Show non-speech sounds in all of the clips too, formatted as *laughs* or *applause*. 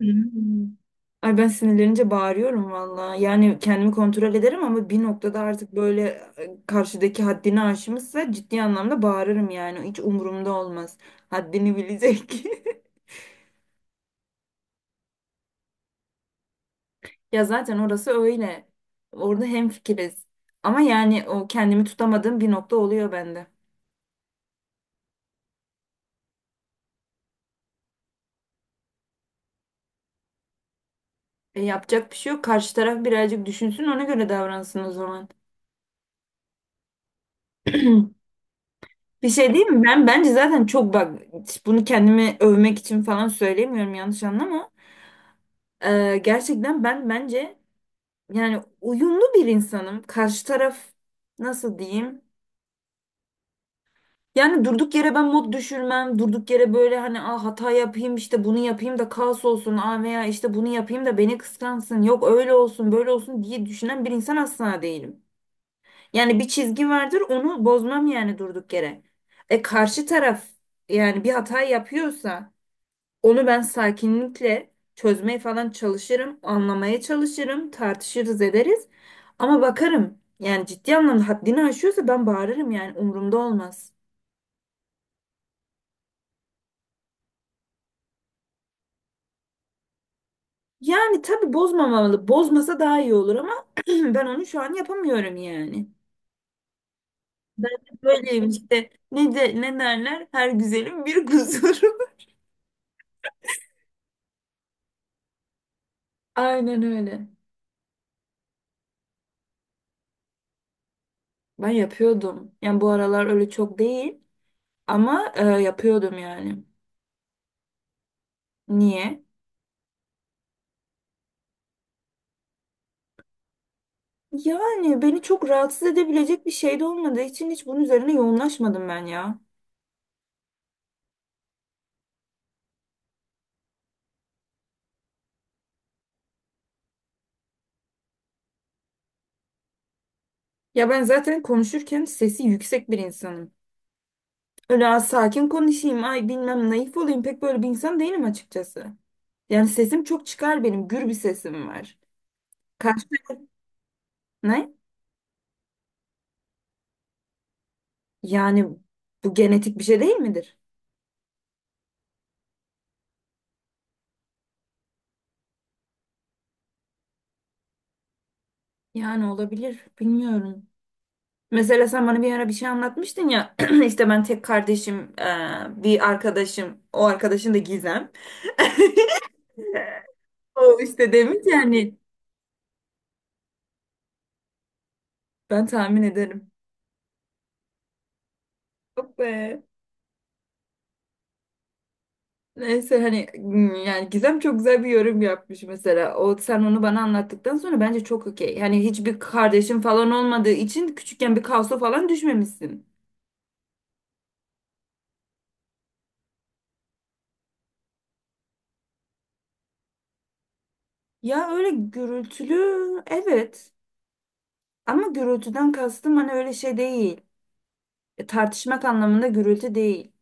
Hmm. Ay, ben sinirlenince bağırıyorum valla. Yani kendimi kontrol ederim ama bir noktada artık böyle karşıdaki haddini aşmışsa ciddi anlamda bağırırım yani. Hiç umurumda olmaz. Haddini bilecek. *laughs* Ya zaten orası öyle. Orada hemfikiriz. Ama yani o kendimi tutamadığım bir nokta oluyor bende. Yapacak bir şey yok. Karşı taraf birazcık düşünsün, ona göre davransın o zaman. *clears throat* Bir şey değil mi? Ben bence zaten çok bak, bunu kendimi övmek için falan söylemiyorum, yanlış anlama. Gerçekten ben bence yani uyumlu bir insanım. Karşı taraf nasıl diyeyim? Yani durduk yere ben mod düşürmem. Durduk yere böyle hani ah hata yapayım, işte bunu yapayım da kaos olsun. Aa, veya işte bunu yapayım da beni kıskansın. Yok, öyle olsun böyle olsun diye düşünen bir insan asla değilim. Yani bir çizgi vardır, onu bozmam yani durduk yere. E, karşı taraf yani bir hata yapıyorsa onu ben sakinlikle çözmeye falan çalışırım, anlamaya çalışırım, tartışırız ederiz. Ama bakarım, yani ciddi anlamda haddini aşıyorsa ben bağırırım yani, umurumda olmaz. Yani tabii bozmamalı. Bozmasa daha iyi olur ama *clears throat* ben onu şu an yapamıyorum yani. Ben de böyleyim işte. Ne de ne derler? Her güzelin bir kusuru. *laughs* Aynen öyle. Ben yapıyordum. Yani bu aralar öyle çok değil ama yapıyordum yani. Niye? Yani beni çok rahatsız edebilecek bir şey de olmadığı için hiç bunun üzerine yoğunlaşmadım ben ya. Ya ben zaten konuşurken sesi yüksek bir insanım. Öyle "Aa, sakin konuşayım, ay bilmem naif olayım" pek böyle bir insan değilim açıkçası. Yani sesim çok çıkar benim, gür bir sesim var. Kaç, ne? Yani bu genetik bir şey değil midir? Yani olabilir, bilmiyorum. Mesela sen bana bir ara bir şey anlatmıştın ya, *clears throat* işte ben tek kardeşim, bir arkadaşım, o arkadaşın da Gizem. *laughs* O işte demiş yani ben tahmin ederim. Yok be. Neyse hani yani Gizem çok güzel bir yorum yapmış mesela. O sen onu bana anlattıktan sonra bence çok okey. Hani hiçbir kardeşin falan olmadığı için küçükken bir kaosa falan düşmemişsin. Ya öyle gürültülü, evet. Ama gürültüden kastım hani öyle şey değil. Tartışmak anlamında gürültü değil.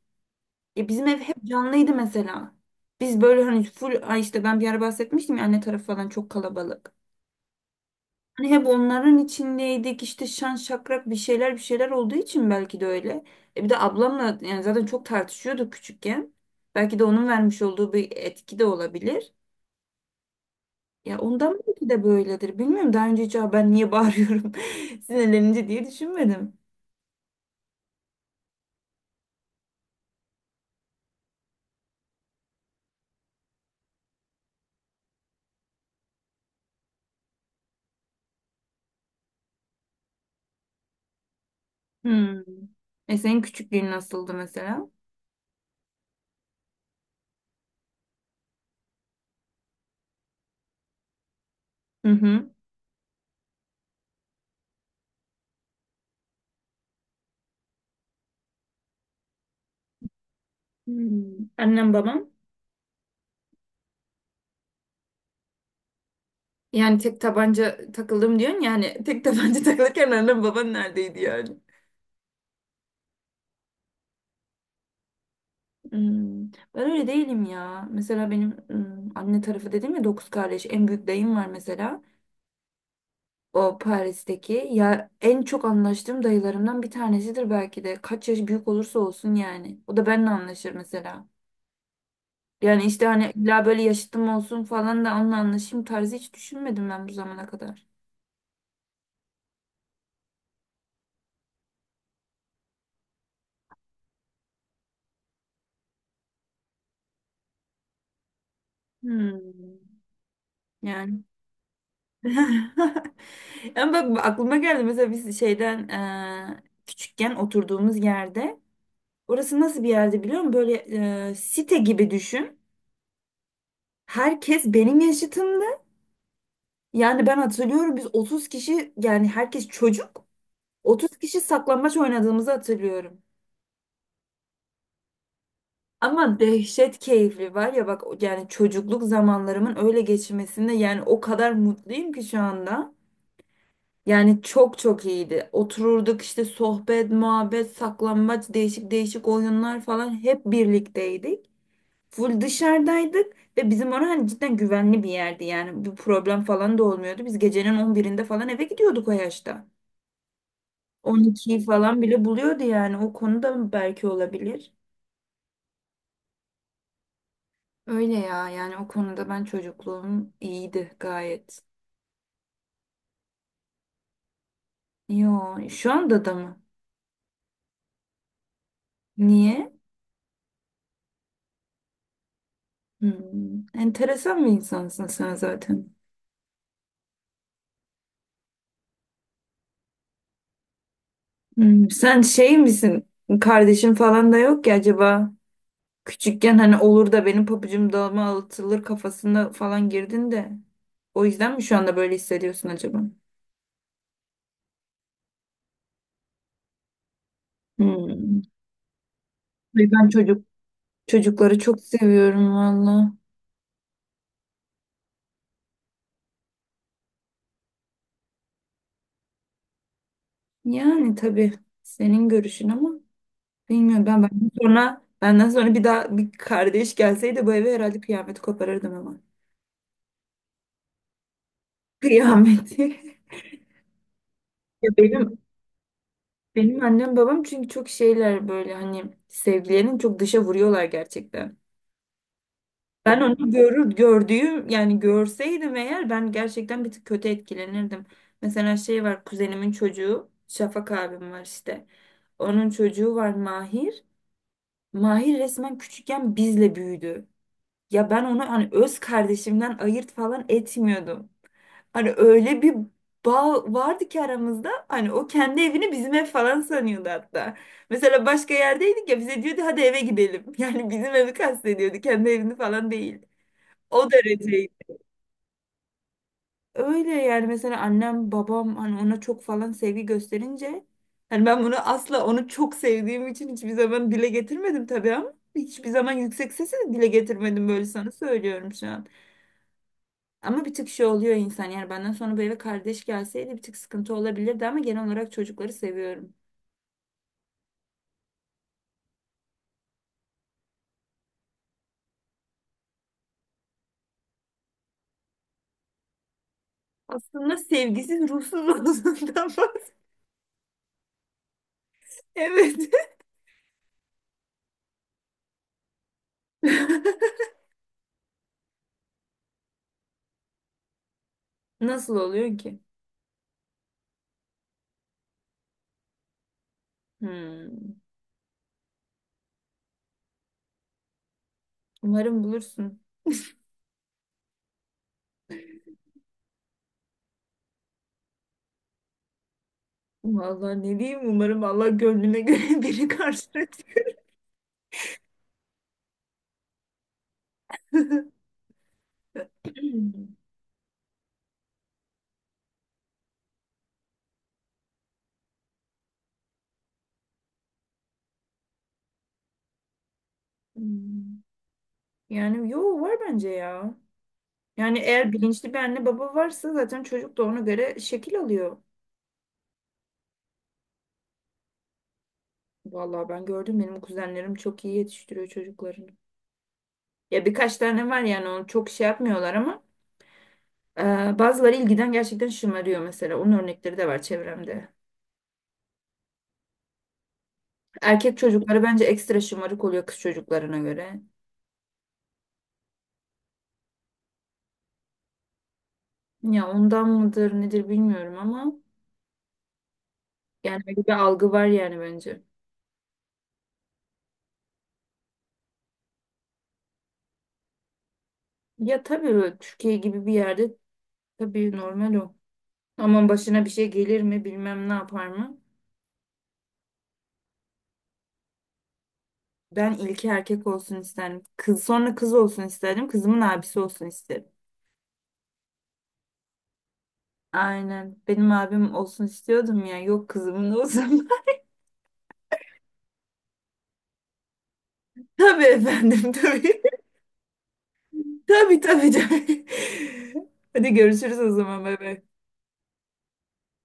Bizim ev hep canlıydı mesela. Biz böyle hani full ay işte ben bir ara bahsetmiştim ya, anne tarafı falan çok kalabalık. Hani hep onların içindeydik, işte şan şakrak bir şeyler bir şeyler olduğu için belki de öyle. E, bir de ablamla yani zaten çok tartışıyorduk küçükken. Belki de onun vermiş olduğu bir etki de olabilir. Ya ondan belki de böyledir. Bilmiyorum, daha önce hiç "Aa, ben niye bağırıyorum *laughs* sinirlenince" diye düşünmedim. Hmm. E, senin küçüklüğün nasıldı mesela? Hı hı. Hmm. Annem babam. Yani tek tabanca takıldım diyorsun, yani tek tabanca *laughs* takılırken annem baban neredeydi yani? Hmm. Ben öyle değilim ya. Mesela benim anne tarafı dedim ya, dokuz kardeş. En büyük dayım var mesela. O Paris'teki. Ya en çok anlaştığım dayılarımdan bir tanesidir belki de. Kaç yaş büyük olursa olsun yani. O da benimle anlaşır mesela. Yani işte hani illa böyle yaşıtım olsun falan da onunla anlaşayım tarzı hiç düşünmedim ben bu zamana kadar. Hmm. Yani. *laughs* Ama bak aklıma geldi, mesela biz şeyden küçükken oturduğumuz yerde, orası nasıl bir yerde biliyor musun? Böyle site gibi düşün. Herkes benim yaşıtımdı. Yani ben hatırlıyorum biz 30 kişi, yani herkes çocuk. 30 kişi saklambaç oynadığımızı hatırlıyorum. Ama dehşet keyifli, var ya bak, yani çocukluk zamanlarımın öyle geçmesinde yani o kadar mutluyum ki şu anda. Yani çok çok iyiydi. Otururduk işte, sohbet, muhabbet, saklambaç, değişik değişik oyunlar falan, hep birlikteydik. Full dışarıdaydık ve bizim orası hani cidden güvenli bir yerdi, yani bir problem falan da olmuyordu. Biz gecenin 11'inde falan eve gidiyorduk o yaşta. 12'yi falan bile buluyordu, yani o konuda belki olabilir. Öyle ya, yani o konuda ben çocukluğum iyiydi gayet. Yo, şu anda da mı? Niye? Hmm, enteresan bir insansın sen zaten. Hmm, sen şey misin? Kardeşin falan da yok ki, acaba küçükken hani olur da benim pabucum dağıma atılır kafasına falan girdin de, o yüzden mi şu anda böyle hissediyorsun acaba? Hmm. Ay, ben çocuk, çocukları çok seviyorum valla. Yani tabii senin görüşün ama bilmiyorum, ben benden sonra bir daha bir kardeş gelseydi bu eve herhalde kıyameti koparırdım ama. Kıyameti. *laughs* Ya benim annem babam çünkü çok şeyler böyle hani sevgilerini çok dışa vuruyorlar gerçekten. Ben onu görür, gördüğüm yani görseydim eğer, ben gerçekten bir tık kötü etkilenirdim. Mesela şey var, kuzenimin çocuğu Şafak abim var işte. Onun çocuğu var, Mahir. Mahir resmen küçükken bizle büyüdü. Ya ben onu hani öz kardeşimden ayırt falan etmiyordum. Hani öyle bir bağ vardı ki aramızda. Hani o kendi evini bizim ev falan sanıyordu hatta. Mesela başka yerdeydik ya, bize diyordu hadi eve gidelim. *laughs* Yani bizim evi kastediyordu, kendi evini falan değil. O dereceydi. Öyle yani, mesela annem babam hani ona çok falan sevgi gösterince hani ben bunu asla, onu çok sevdiğim için hiçbir zaman dile getirmedim tabii, ama hiçbir zaman yüksek sesle de dile getirmedim, böyle sana söylüyorum şu an. Ama bir tık şey oluyor insan, yani benden sonra bu eve kardeş gelseydi bir tık sıkıntı olabilirdi, ama genel olarak çocukları seviyorum. Aslında sevgisiz ruhsuz olduğundan bahsediyorum. *laughs* Evet. *laughs* Nasıl oluyor ki? Hmm. Umarım bulursun. Vallahi ne diyeyim, umarım Allah gönlüne göre *laughs* biri karşılatır. Hmm. *laughs* Yani yo, var bence ya. Yani eğer bilinçli bir anne baba varsa zaten çocuk da ona göre şekil alıyor. Vallahi ben gördüm, benim kuzenlerim çok iyi yetiştiriyor çocuklarını. Ya birkaç tane var, yani onu çok şey yapmıyorlar ama bazıları ilgiden gerçekten şımarıyor mesela. Onun örnekleri de var çevremde. Erkek çocukları bence ekstra şımarık oluyor kız çocuklarına göre. Ya ondan mıdır nedir bilmiyorum ama yani böyle bir algı var yani bence. Ya tabii, öyle Türkiye gibi bir yerde tabii normal o. Ama başına bir şey gelir mi bilmem, ne yapar mı? Ben ilki erkek olsun isterdim. Kız, sonra kız olsun isterdim. Kızımın abisi olsun isterim. Aynen. Benim abim olsun istiyordum ya. Yok, kızımın olsun. *laughs* Tabii efendim, tabii. *laughs* Tabii tabii tabii. *laughs* Hadi görüşürüz o zaman bebe.